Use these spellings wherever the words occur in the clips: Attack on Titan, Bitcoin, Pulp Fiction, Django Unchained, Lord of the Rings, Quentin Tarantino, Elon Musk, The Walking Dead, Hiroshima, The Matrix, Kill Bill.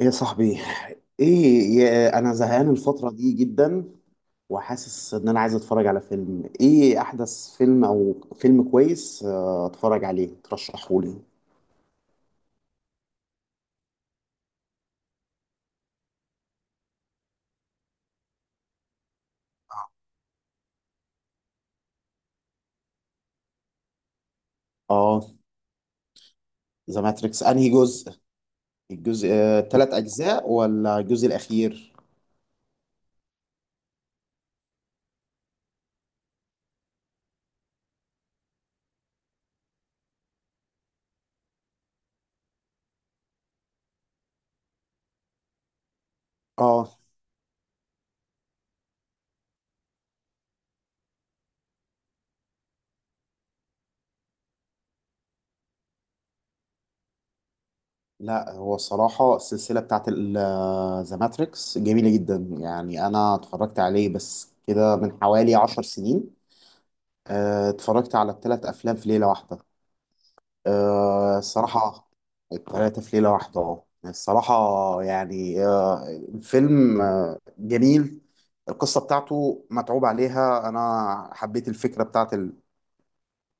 ايه يا صاحبي، ايه يا انا زهقان الفترة دي جدا، وحاسس ان انا عايز اتفرج على فيلم، احدث فيلم او فيلم كويس، اتفرج عليه ترشحه لي. اه، ذا ماتريكس. انهي جزء؟ الجزء ثلاث اجزاء ولا الجزء الاخير؟ اه لا، هو الصراحة السلسلة بتاعت ذا ماتريكس جميلة جدا، يعني انا اتفرجت عليه بس كده من حوالي 10 سنين، اتفرجت على الثلاث افلام في ليلة واحدة. أه الصراحة، التلاتة في ليلة واحدة اه الصراحة. يعني أه، الفيلم أه جميل، القصة بتاعته متعوب عليها، أنا حبيت الفكرة بتاعت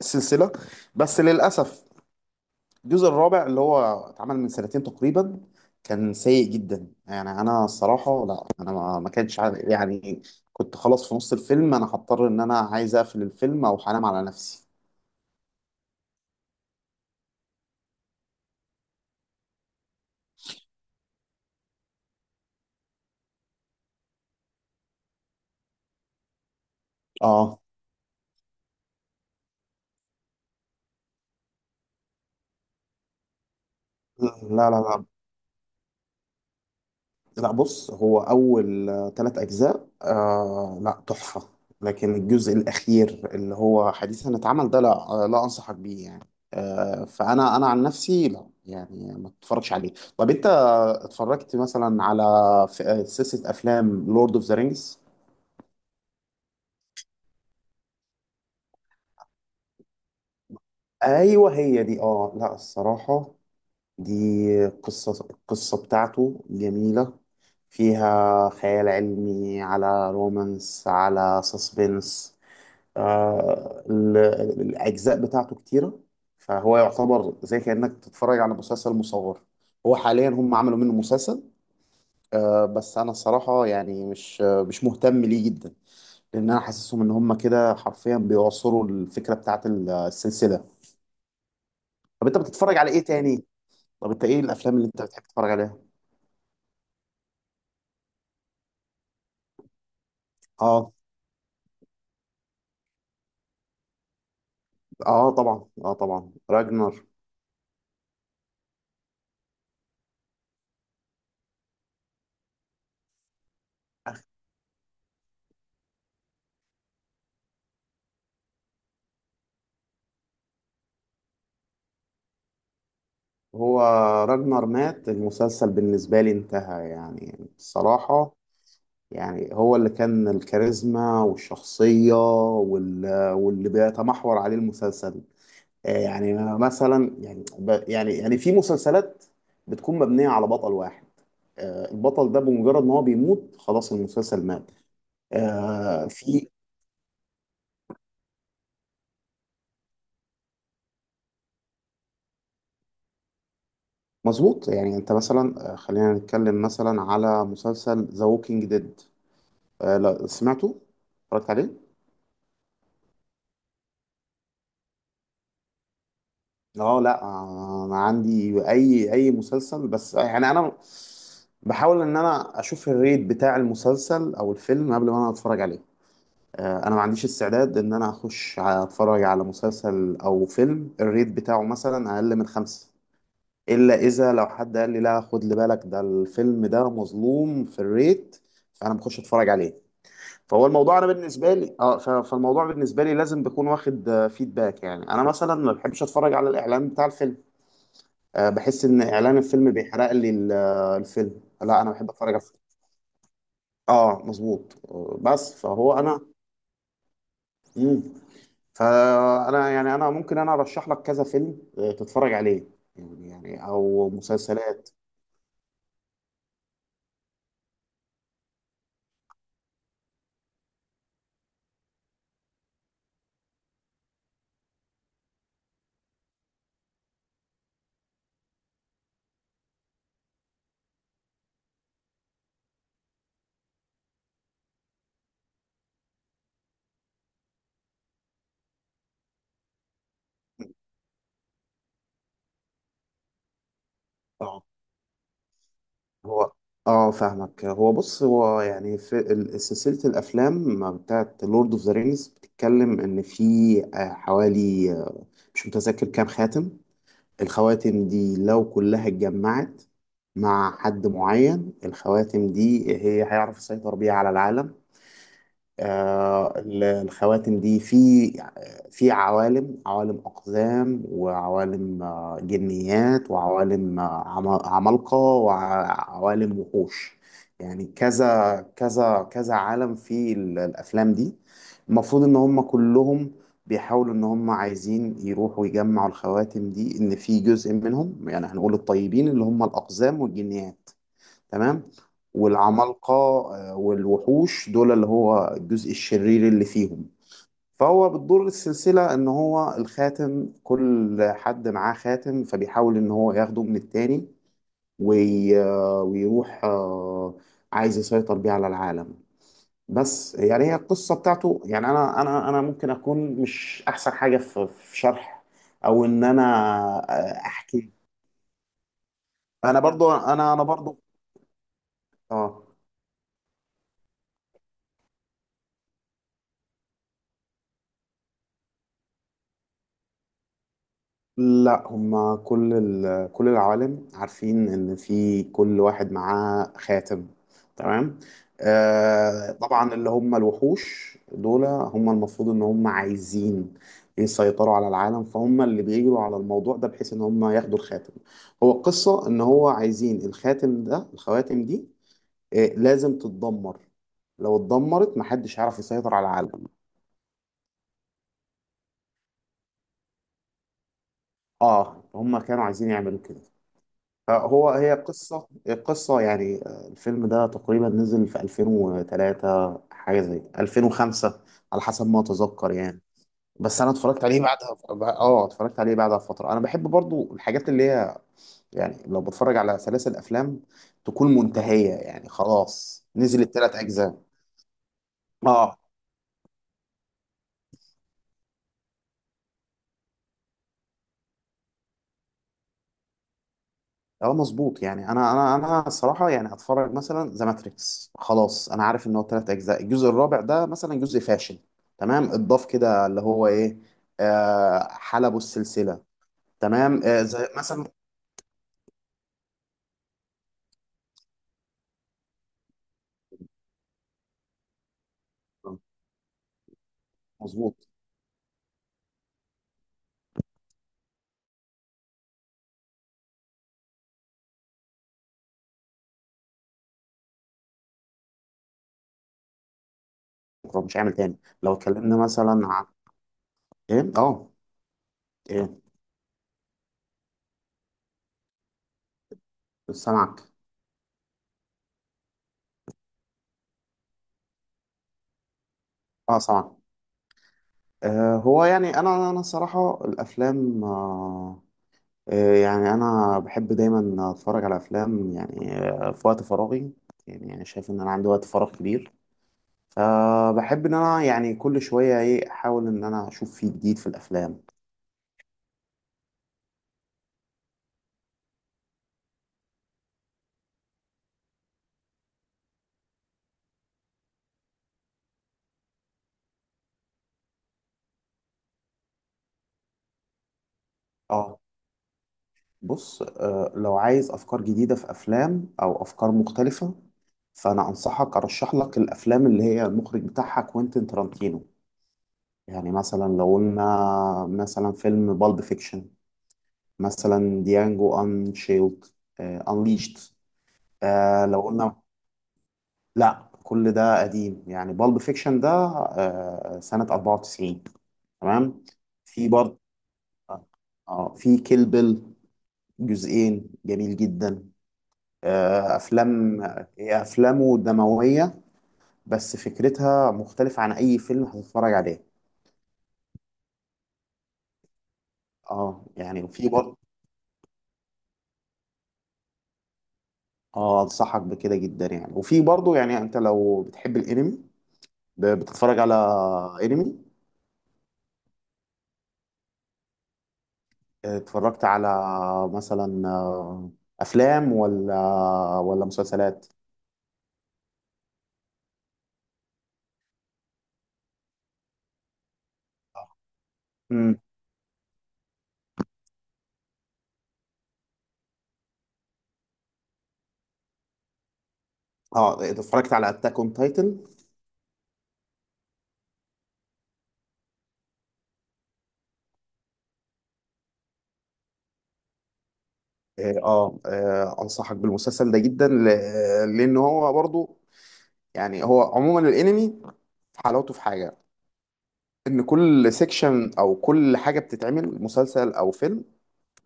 السلسلة. بس للأسف الجزء الرابع اللي هو اتعمل من سنتين تقريبا كان سيء جدا، يعني أنا الصراحة لا، أنا ما ما كانش عارف- يعني كنت خلاص في نص الفيلم، أنا هضطر إن أنا عايز أقفل الفيلم أو هنام على نفسي. اه، لا لا لا لا بص هو ثلاث اجزاء لا تحفه، لكن الجزء الاخير اللي هو حديثا اتعمل ده لا، لا انصحك بيه يعني. فانا عن نفسي لا، يعني ما تتفرجش عليه. طب انت اتفرجت مثلا على سلسله افلام لورد اوف ذا رينجز؟ ايوه هي دي، اه لا الصراحه، دي القصة بتاعته جميلة، فيها خيال علمي على رومانس على سسبنس. الأجزاء بتاعته كتيرة، فهو يعتبر زي كأنك تتفرج على مسلسل مصور. هو حاليا هم عملوا منه مسلسل، آه بس أنا الصراحة يعني مش مهتم ليه جدا، لأن أنا حاسسهم إن هم كده حرفيا بيعصروا الفكرة بتاعت السلسلة. طب أنت بتتفرج على إيه تاني؟ طب أنت إيه الأفلام اللي أنت بتحب تتفرج عليها؟ اه، اه طبعا، اه طبعا راجنر. هو راجنر مات المسلسل بالنسبة لي انتهى يعني الصراحة، يعني هو اللي كان الكاريزما والشخصية واللي بيتمحور عليه المسلسل. يعني مثلا، يعني في مسلسلات بتكون مبنية على بطل واحد، البطل ده بمجرد ما هو بيموت خلاص المسلسل مات. آه، في مظبوط، يعني انت مثلا، خلينا نتكلم مثلا على مسلسل ذا ووكينج ديد. آه لا سمعته، اتفرجت عليه. اه لا، انا عندي اي مسلسل، بس يعني انا بحاول ان انا اشوف الريت بتاع المسلسل او الفيلم قبل ما انا اتفرج عليه. انا ما عنديش استعداد ان انا اخش اتفرج على مسلسل او فيلم الريت بتاعه مثلا اقل من خمسة، الا اذا لو حد قال لي لا خد لي بالك ده الفيلم ده مظلوم في الريت، فانا بخش اتفرج عليه. فهو الموضوع انا بالنسبه لي اه فالموضوع بالنسبه لي لازم بكون واخد فيدباك، يعني انا مثلا ما بحبش اتفرج على الاعلان بتاع الفيلم، آه بحس ان اعلان الفيلم بيحرق لي الفيلم، لا انا بحب اتفرج على الفيلم. اه مظبوط، بس فهو انا. مم. فانا يعني انا ممكن انا ارشح لك كذا فيلم تتفرج عليه، يعني او مسلسلات. آه. هو اه فاهمك، هو بص هو يعني في سلسلة الأفلام بتاعت لورد اوف ذا رينجز بتتكلم إن في آه، حوالي آه، مش متذكر كام خاتم. الخواتم دي لو كلها اتجمعت مع حد معين الخواتم دي هي هيعرف يسيطر بيها على العالم. الخواتم دي في في عوالم، عوالم أقزام وعوالم جنيات وعوالم عمالقة وعوالم وحوش، يعني كذا كذا كذا عالم في الأفلام دي. المفروض إن هم كلهم بيحاولوا إن هم عايزين يروحوا يجمعوا الخواتم دي، إن في جزء منهم يعني هنقول الطيبين اللي هم الأقزام والجنيات، تمام، والعمالقة، والوحوش دول اللي هو الجزء الشرير اللي فيهم. فهو بتدور السلسلة إن هو الخاتم كل حد معاه خاتم فبيحاول إن هو ياخده من التاني وي... آه، ويروح، عايز يسيطر بيه على العالم. بس يعني هي القصة بتاعته يعني أنا ممكن أكون مش أحسن حاجة في شرح أو إن أنا أحكي. أنا برضو أنا أنا برضو. آه لا، هما كل كل العوالم عارفين ان في كل واحد معاه خاتم، تمام. آه طبعا، اللي هم الوحوش دول هم المفروض ان هم عايزين يسيطروا على العالم، فهم اللي بيجروا على الموضوع ده بحيث ان هم ياخدوا الخاتم. هو القصة ان هو عايزين الخاتم ده، الخواتم دي آه لازم تتدمر، لو اتدمرت محدش هيعرف يسيطر على العالم. اه هم كانوا عايزين يعملوا كده، هو هي قصة يعني الفيلم ده تقريبا نزل في 2003، حاجة زي 2005 على حسب ما أتذكر يعني. بس أنا اتفرجت عليه بعدها ب- اه اتفرجت عليه بعدها فترة. أنا بحب برضو الحاجات اللي هي يعني لو بتفرج على سلاسل أفلام تكون منتهية، يعني خلاص نزل التلات أجزاء. اه، اه مظبوط، يعني انا الصراحه يعني اتفرج مثلا ذا ماتريكس خلاص انا عارف ان هو ثلاث اجزاء، الجزء الرابع ده مثلا جزء فاشل، تمام اتضاف كده اللي هو ايه، حلبوا السلسله. تمام آه زي مثلا، مظبوط. هو مش عامل تاني، لو اتكلمنا مثلا عن ايه اه ايه سامعك. اه سامعك. آه هو يعني انا انا الصراحه الافلام يعني انا بحب دايما اتفرج على افلام، يعني في وقت فراغي، يعني شايف ان انا عندي وقت فراغ كبير، فبحب ان انا يعني كل شويه احاول ان انا اشوف فيه جديد في الافلام. اه بص، لو عايز افكار جديده في افلام او افكار مختلفه فانا انصحك ارشح لك الافلام اللي هي المخرج بتاعها كوينتين ترانتينو. يعني مثلا لو قلنا مثلا فيلم بالب فيكشن، مثلا ديانجو انشيلد، انليشت. آه لو قلنا، لا كل ده قديم، يعني بالب فيكشن ده سنة 94، تمام. في برضه اه في كيل بيل، جزئين جميل جدا. افلام، هي افلامه دموية بس فكرتها مختلفة عن اي فيلم هتتفرج عليه. اه، يعني وفي برضه، اه انصحك بكده جدا. يعني وفي برضه يعني انت لو بتحب الانمي، بتتفرج على انمي؟ اتفرجت على مثلا افلام ولا مسلسلات؟ امم، اه اتفرجت على اتاك اون تايتن. اه، انصحك بالمسلسل ده جدا، لان هو برضو يعني هو عموما الانمي حلاوته في حاجه، ان كل سيكشن او كل حاجه بتتعمل مسلسل او فيلم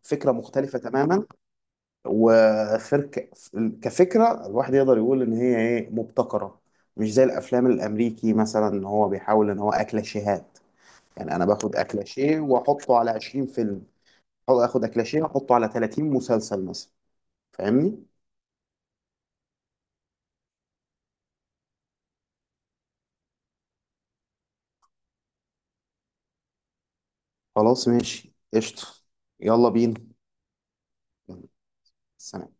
فكره مختلفه تماما وفرك. كفكرة الواحد يقدر يقول إن هي إيه مبتكرة، مش زي الأفلام الأمريكي مثلا إن هو بيحاول إن هو أكلاشيهات، يعني أنا باخد أكلاشيه وأحطه على 20 فيلم، أو آخد أكلاشيه وأحطه على 30 مسلسل مثلا. فاهمني؟ خلاص ماشي قشطة. يلا بينا، يلا، سلام.